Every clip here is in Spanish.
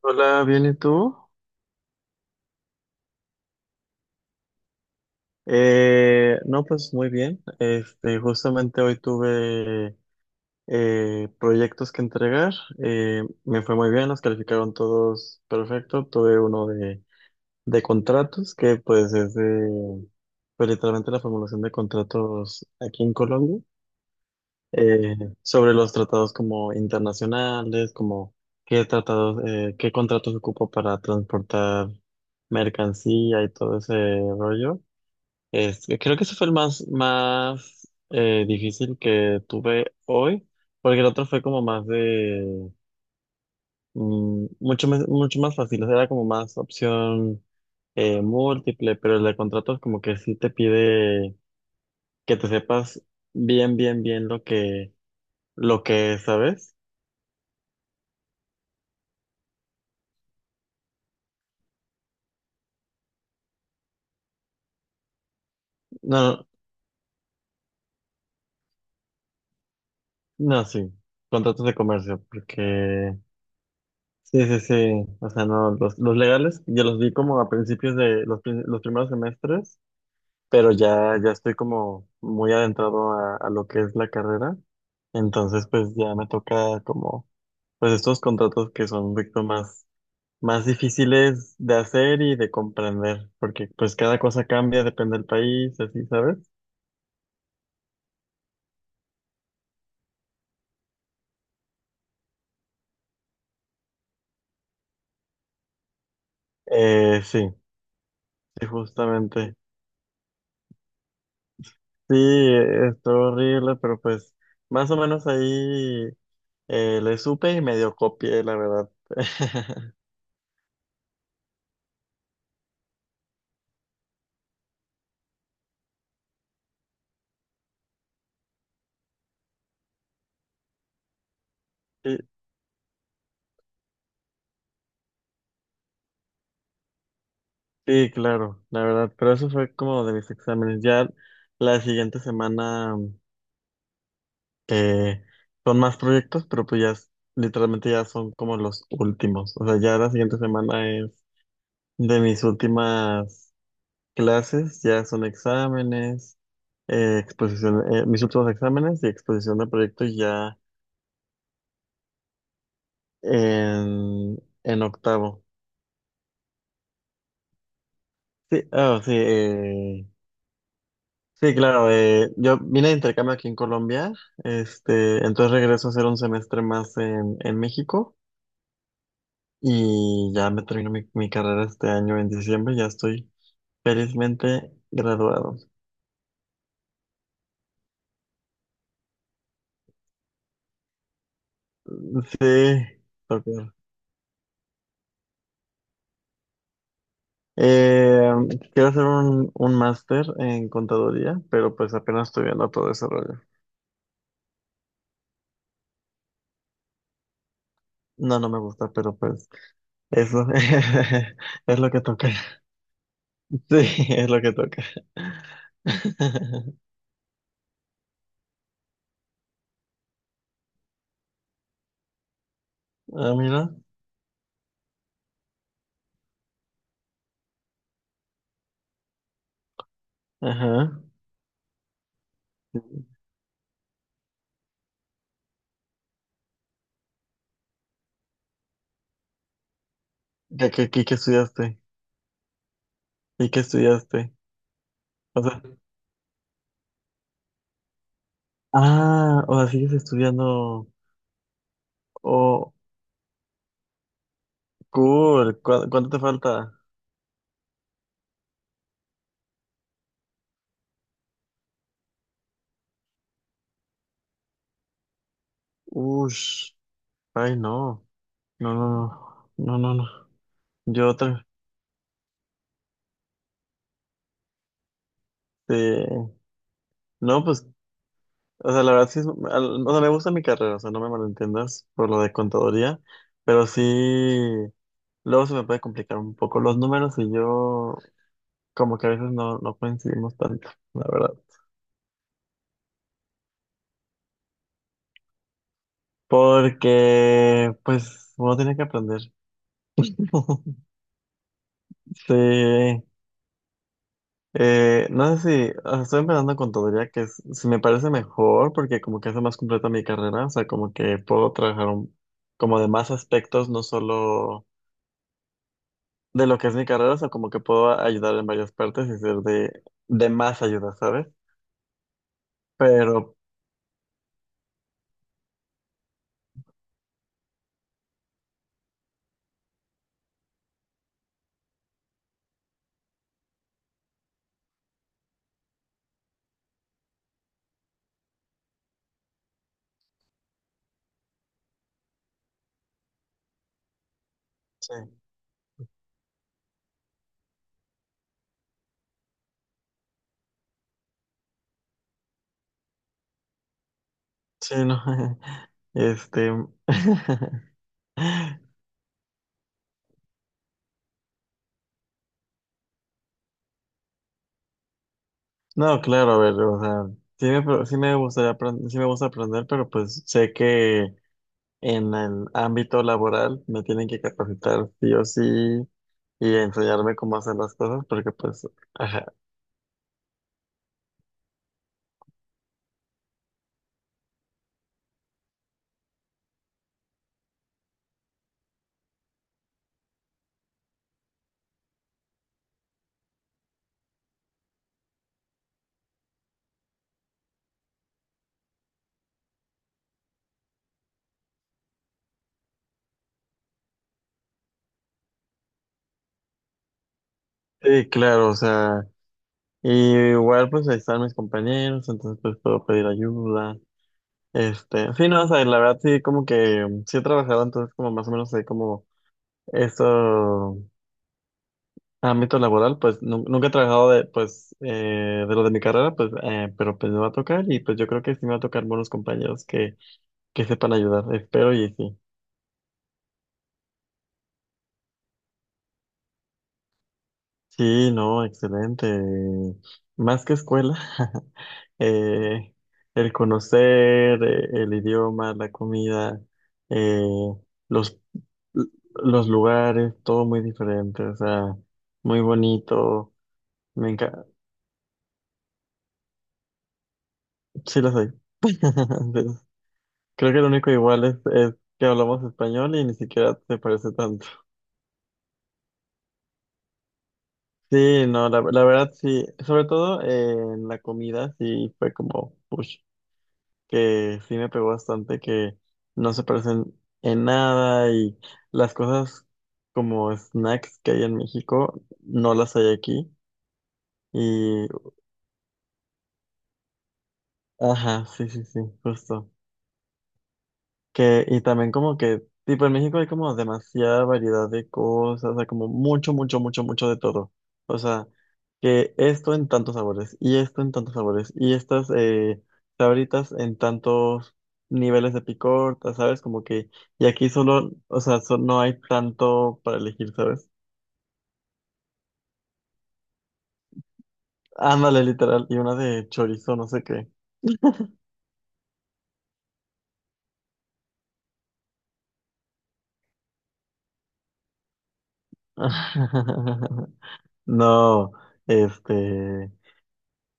Hola, bien, ¿y tú? No, pues muy bien. Justamente hoy tuve proyectos que entregar. Me fue muy bien, los calificaron todos perfecto. Tuve uno de contratos, que pues es de, pues, literalmente la formulación de contratos aquí en Colombia, eh, sobre los tratados como internacionales, como qué tratados, qué contratos ocupo para transportar mercancía y todo ese rollo. Creo que ese fue el más, más difícil que tuve hoy, porque el otro fue como más de, mucho, mucho más fácil, o sea, era como más opción múltiple, pero el de contratos como que sí te pide que te sepas bien, bien, bien lo que es, ¿sabes? No, no, sí, contratos de comercio, porque sí, sí, sí, o sea, no, los legales yo los vi como a principios de los primeros semestres. Pero ya estoy como muy adentrado a lo que es la carrera, entonces pues ya me toca como, pues estos contratos que son un poquito más, más difíciles de hacer y de comprender, porque pues cada cosa cambia, depende del país, así, ¿sabes? Sí, sí, justamente. Sí, estuvo horrible, pero pues más o menos ahí le supe y medio copié, la verdad. Sí. Sí, claro, la verdad, pero eso fue como de mis exámenes. Ya la siguiente semana eh, son más proyectos, pero pues ya literalmente ya son como los últimos. O sea, ya la siguiente semana es de mis últimas clases, ya son exámenes, exposición, mis últimos exámenes y exposición de proyectos ya en, en octavo. Sí, ah, sí, sí, claro. Yo vine de intercambio aquí en Colombia, entonces regreso a hacer un semestre más en México y ya me termino mi, mi carrera este año en diciembre, ya estoy felizmente graduado. Sí, tocar. Eh, Quiero hacer un máster en contaduría, pero pues apenas estoy viendo todo ese rollo. No, no me gusta, pero pues eso es lo que toca. Sí, es lo que toca. Ah, mira. Ajá. ¿De qué estudiaste? ¿Y qué estudiaste? O sea, ah, o sea, sigues estudiando. Oh, cool. ¿Cuánto te falta? Ush. Ay, no. No, no, no. No, no, no. Yo otra. Este, no, pues, o sea, la verdad sí es, o sea, me gusta mi carrera, o sea, no me malentiendas por lo de contaduría, pero sí, luego se me puede complicar un poco los números y yo, como que a veces no, no coincidimos tanto, la verdad. Porque, pues, uno tiene que aprender. Sí. No sé si, o sea, estoy empezando con contaduría, que si me parece mejor, porque como que hace más completa mi carrera, o sea, como que puedo trabajar como de más aspectos, no solo de lo que es mi carrera, o sea, como que puedo ayudar en varias partes y ser de más ayuda, ¿sabes? Pero, sí, sí, no. Este. No, claro, a ver, o sea, sí me gustaría aprender, sí me gusta aprender, pero pues sé que en el ámbito laboral me tienen que capacitar sí o sí y enseñarme cómo hacer las cosas, porque pues, ajá, sí, claro, o sea, y igual pues ahí están mis compañeros, entonces pues puedo pedir ayuda, este, sí, no, o sea, la verdad sí como que sí he trabajado, entonces como más o menos sé como eso. Ámbito laboral, pues nunca he trabajado de, pues, de lo de mi carrera, pues, pero pues me va a tocar y pues yo creo que sí me va a tocar buenos compañeros que sepan ayudar, espero y sí. Sí, no, excelente. Más que escuela, eh, el conocer, el idioma, la comida, eh, los, los lugares, todo muy diferente, o sea, muy bonito. Me encanta. Sí, lo soy. Creo que lo único igual es que hablamos español y ni siquiera se parece tanto. Sí, no, la verdad sí. Sobre todo en la comida sí fue como push, que sí me pegó bastante, que no se parecen en nada y las cosas como snacks que hay en México no las hay aquí. Y, ajá, sí, sí, sí, justo. Que, y también como que, tipo, en México hay como demasiada variedad de cosas, o sea, como mucho, mucho, mucho, mucho de todo. O sea, que esto en tantos sabores, y esto en tantos sabores, y estas sabritas en tantos niveles de picor, ¿sabes? Como que, y aquí solo, o sea, no hay tanto para elegir, ¿sabes? Ándale, literal, y una de chorizo, no sé qué. No, este...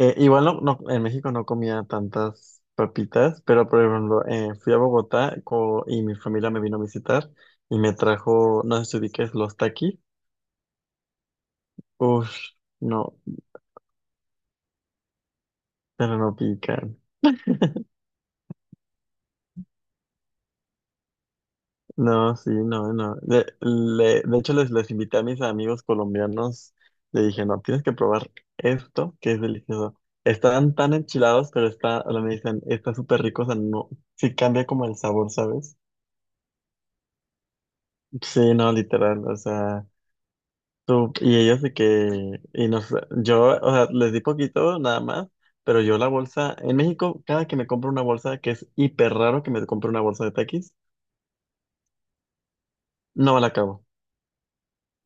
Igual no, no, en México no comía tantas papitas, pero por ejemplo, fui a Bogotá y mi familia me vino a visitar y me trajo, no sé si ubiques, los taquis. Uf, no, pero no pican. No, sí, no, no. De, de hecho, les invité a mis amigos colombianos, le dije, no, tienes que probar esto, que es delicioso. Estaban tan enchilados, pero está, ahora me dicen, está súper rico, o sea, no, sí cambia como el sabor, ¿sabes? Sí, no, literal, o sea. Y ellos de que, y no sé, yo, o sea, les di poquito nada más, pero yo la bolsa, en México, cada que me compro una bolsa, que es hiper raro que me compre una bolsa de Takis, no me la acabo.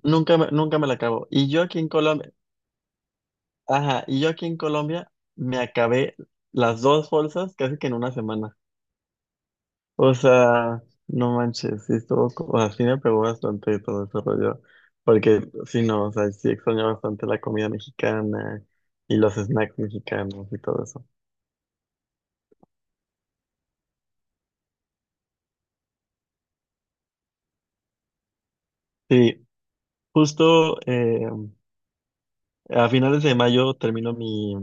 Nunca me, nunca me la acabo. Y yo aquí en Colombia, ajá, y yo aquí en Colombia me acabé las dos bolsas casi que en una semana. O sea, no manches, sí estuvo, o sea, sí me pegó bastante todo ese rollo, porque sí, no, o sea, sí extraño bastante la comida mexicana y los snacks mexicanos y todo eso. Sí, justo a finales de mayo termino mi,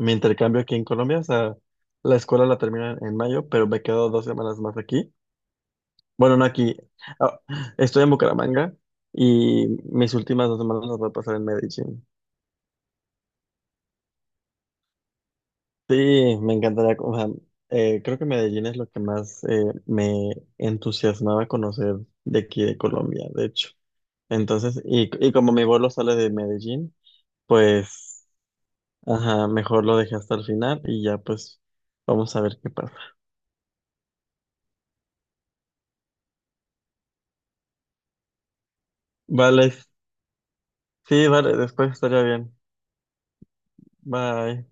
mi intercambio aquí en Colombia. O sea, la escuela la termino en mayo, pero me quedo 2 semanas más aquí. Bueno, no aquí. ah, Estoy en Bucaramanga y mis últimas 2 semanas las voy a pasar en Medellín. Sí, me encantaría. O sea, creo que Medellín es lo que más me entusiasmaba conocer de aquí de Colombia, de hecho. Entonces, y como mi vuelo sale de Medellín, pues. Ajá, mejor lo dejé hasta el final y ya pues vamos a ver qué pasa. Vale, sí, vale, después estaría bien. Bye.